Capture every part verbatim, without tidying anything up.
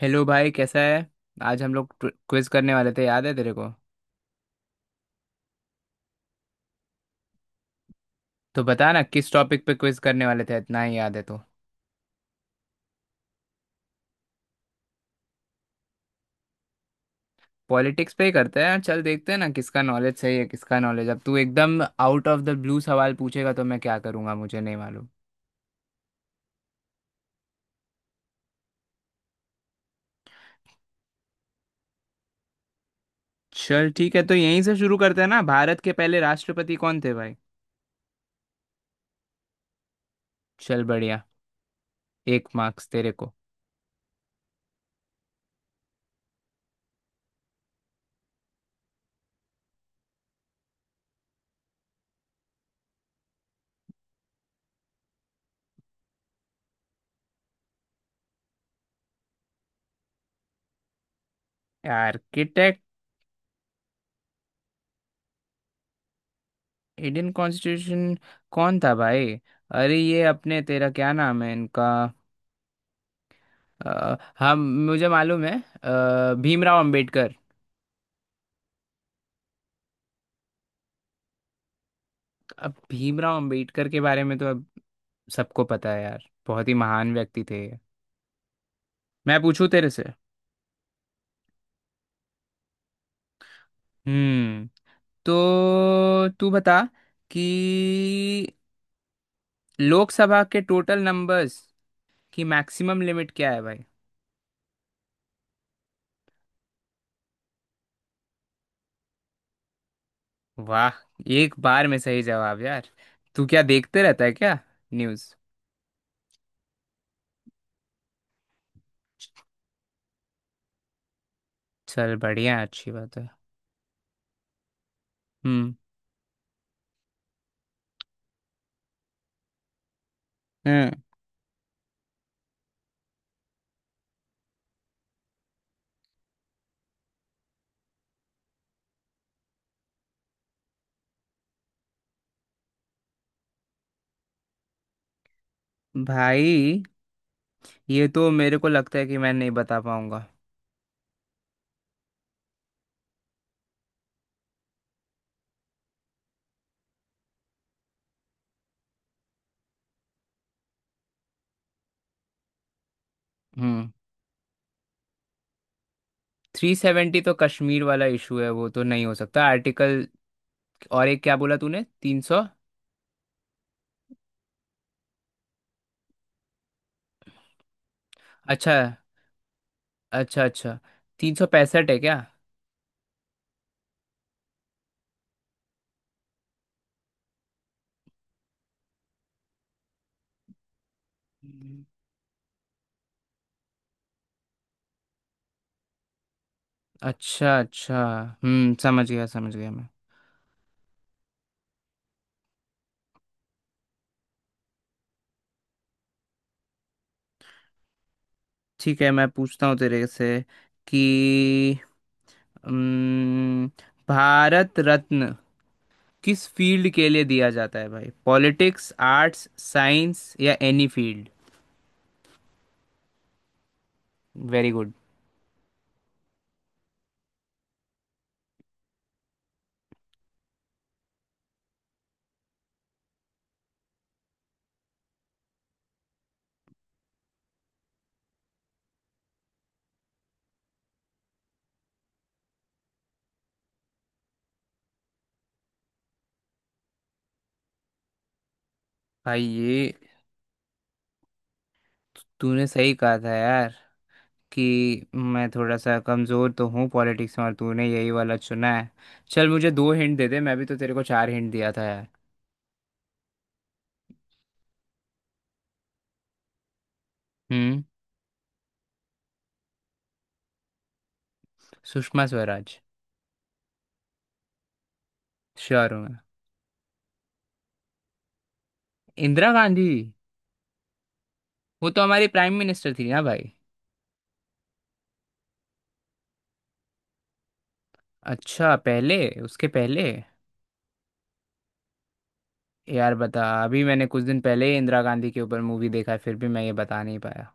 Hello भाई, कैसा है। आज हम लोग क्विज करने वाले थे, याद है तेरे को। तो बता ना, किस टॉपिक पे क्विज करने वाले थे, इतना ही याद है तो। पॉलिटिक्स पे ही करते हैं। चल देखते हैं ना किसका नॉलेज सही है, किसका नॉलेज। अब तू एकदम आउट ऑफ द ब्लू सवाल पूछेगा तो मैं क्या करूंगा, मुझे नहीं मालूम। चल ठीक है, तो यहीं से शुरू करते हैं ना। भारत के पहले राष्ट्रपति कौन थे भाई। चल बढ़िया। एक मार्क्स तेरे को। आर्किटेक्ट। Indian constitution. कौन था भाई। अरे ये अपने, तेरा क्या नाम है इनका। अ, हाँ, मुझे मालूम है। अ, भीमराव अंबेडकर। अब भीमराव अंबेडकर के बारे में तो अब सबको पता है यार, बहुत ही महान व्यक्ति थे ये। मैं पूछूं तेरे से। हम्म। तो तू बता कि लोकसभा के टोटल नंबर्स की मैक्सिमम लिमिट क्या है भाई। वाह। एक बार में सही जवाब यार। तू क्या देखते रहता है क्या, न्यूज़। चल बढ़िया, अच्छी बात है। हम्म। हम्म। भाई ये तो मेरे को लगता है कि मैं नहीं बता पाऊंगा। हम्म। थ्री सेवेंटी तो कश्मीर वाला इशू है, वो तो नहीं हो सकता आर्टिकल। और एक क्या बोला तूने, तीन सौ। अच्छा। अच्छा अच्छा। तीन सौ पैंसठ है क्या। हम्म। अच्छा अच्छा। हम्म समझ गया, समझ गया मैं। ठीक है, मैं पूछता हूँ तेरे से कि हम्म, भारत रत्न किस फील्ड के लिए दिया जाता है भाई, पॉलिटिक्स, आर्ट्स, साइंस या एनी फील्ड। Very good. भाई ये तूने सही कहा था यार, कि मैं थोड़ा सा कमज़ोर तो हूँ पॉलिटिक्स में और तूने यही वाला चुना है। चल मुझे दो हिंट दे दे, मैं भी तो तेरे को चार हिंट दिया था यार। हम्म। सुषमा स्वराज। श्योर हूँ मैं। इंदिरा गांधी। वो तो हमारी प्राइम मिनिस्टर थी ना भाई। अच्छा पहले, उसके पहले। यार बता, अभी मैंने कुछ दिन पहले ही इंदिरा गांधी के ऊपर मूवी देखा है, फिर भी मैं ये बता नहीं पाया।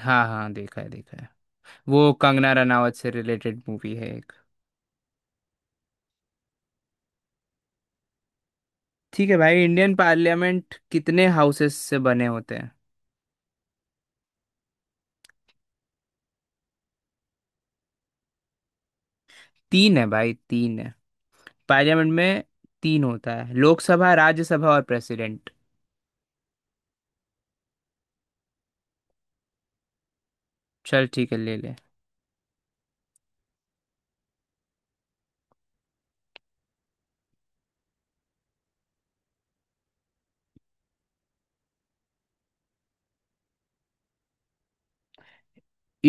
हाँ हाँ, देखा है देखा है। वो कंगना रनावत से रिलेटेड मूवी है एक। ठीक है भाई, इंडियन पार्लियामेंट कितने हाउसेस से बने होते हैं। तीन है भाई, तीन है पार्लियामेंट में। तीन होता है, लोकसभा, राज्यसभा और प्रेसिडेंट। चल ठीक है, ले ले।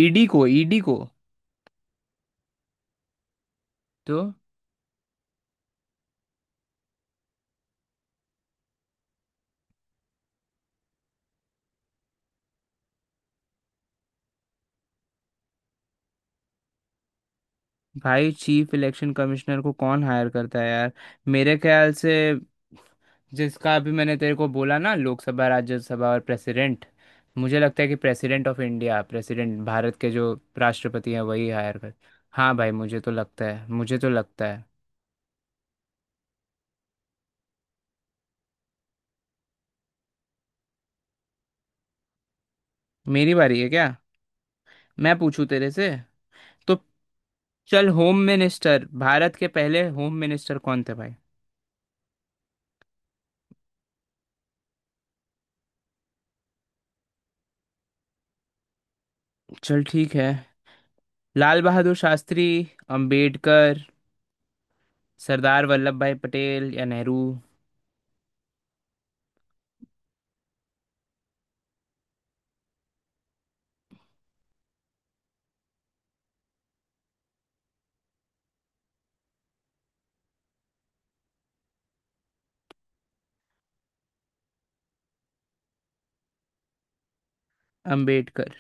ई डी को, ई डी को। तो भाई, चीफ इलेक्शन कमिश्नर को कौन हायर करता है यार। मेरे ख्याल से, जिसका भी मैंने तेरे को बोला ना, लोकसभा, राज्यसभा और प्रेसिडेंट। मुझे लगता है कि president of India, president, Bharat के जो राष्ट्रपति हैं वही हायर कर। हाँ भाई, मुझे तो लगता है, मुझे तो लगता है। मेरी बारी है क्या। मैं पूछूं तेरे से तो। चल, होम मिनिस्टर, भारत के पहले होम मिनिस्टर कौन थे भाई। चल ठीक है। लाल बहादुर शास्त्री, अंबेडकर, सरदार वल्लभ भाई पटेल या नेहरू। अंबेडकर।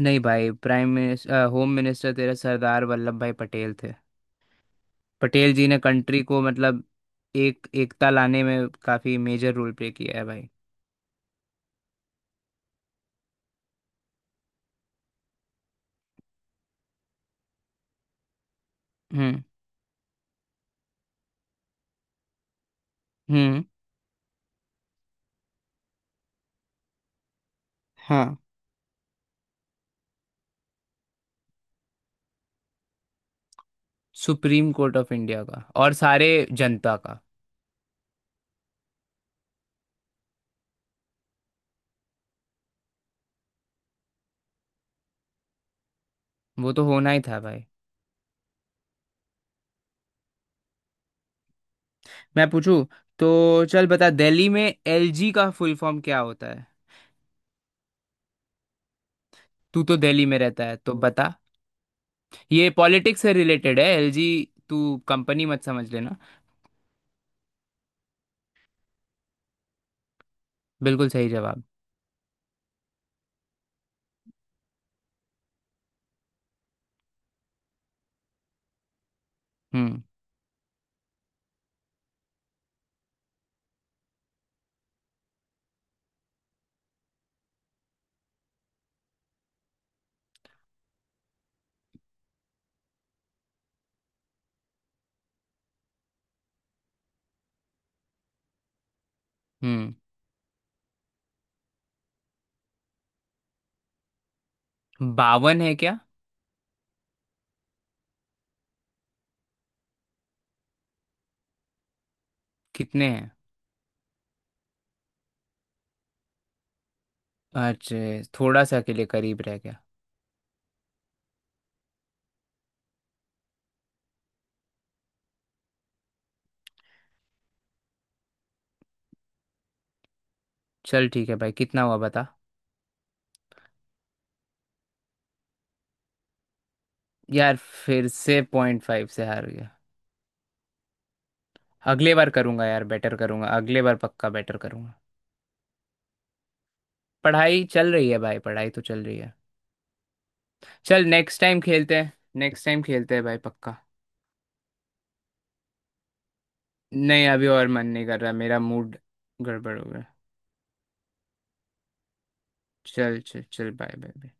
नहीं भाई, प्राइम मिनिस्टर, होम मिनिस्टर तेरा सरदार वल्लभ भाई पटेल थे। पटेल जी ने कंट्री को मतलब एक एकता लाने में काफी मेजर रोल प्ले किया है भाई। हम्म। हम्म। हाँ। सुप्रीम कोर्ट ऑफ इंडिया का और सारे, जनता का। वो तो होना ही था भाई। मैं पूछूं तो। चल बता, दिल्ली में एल जी का फुल फॉर्म क्या होता है। तू तो दिल्ली में रहता है तो बता। ये पॉलिटिक्स से रिलेटेड है, एल जी। तू कंपनी मत समझ लेना। बिल्कुल सही जवाब। हम्म। हम्म। बावन है क्या। कितने हैं। अच्छे, थोड़ा सा के लिए करीब रह गया। चल ठीक है भाई, कितना हुआ बता। यार, फिर से पॉइंट फाइव से हार गया। अगले बार करूंगा यार, बेटर करूंगा, अगले बार पक्का बेटर करूंगा। पढ़ाई चल रही है भाई, पढ़ाई तो चल रही है। चल नेक्स्ट टाइम खेलते हैं, नेक्स्ट टाइम खेलते हैं भाई, पक्का। नहीं, अभी और मन नहीं कर रहा, मेरा मूड गड़बड़ हो गया। चल चल चल बाय बाय बाय।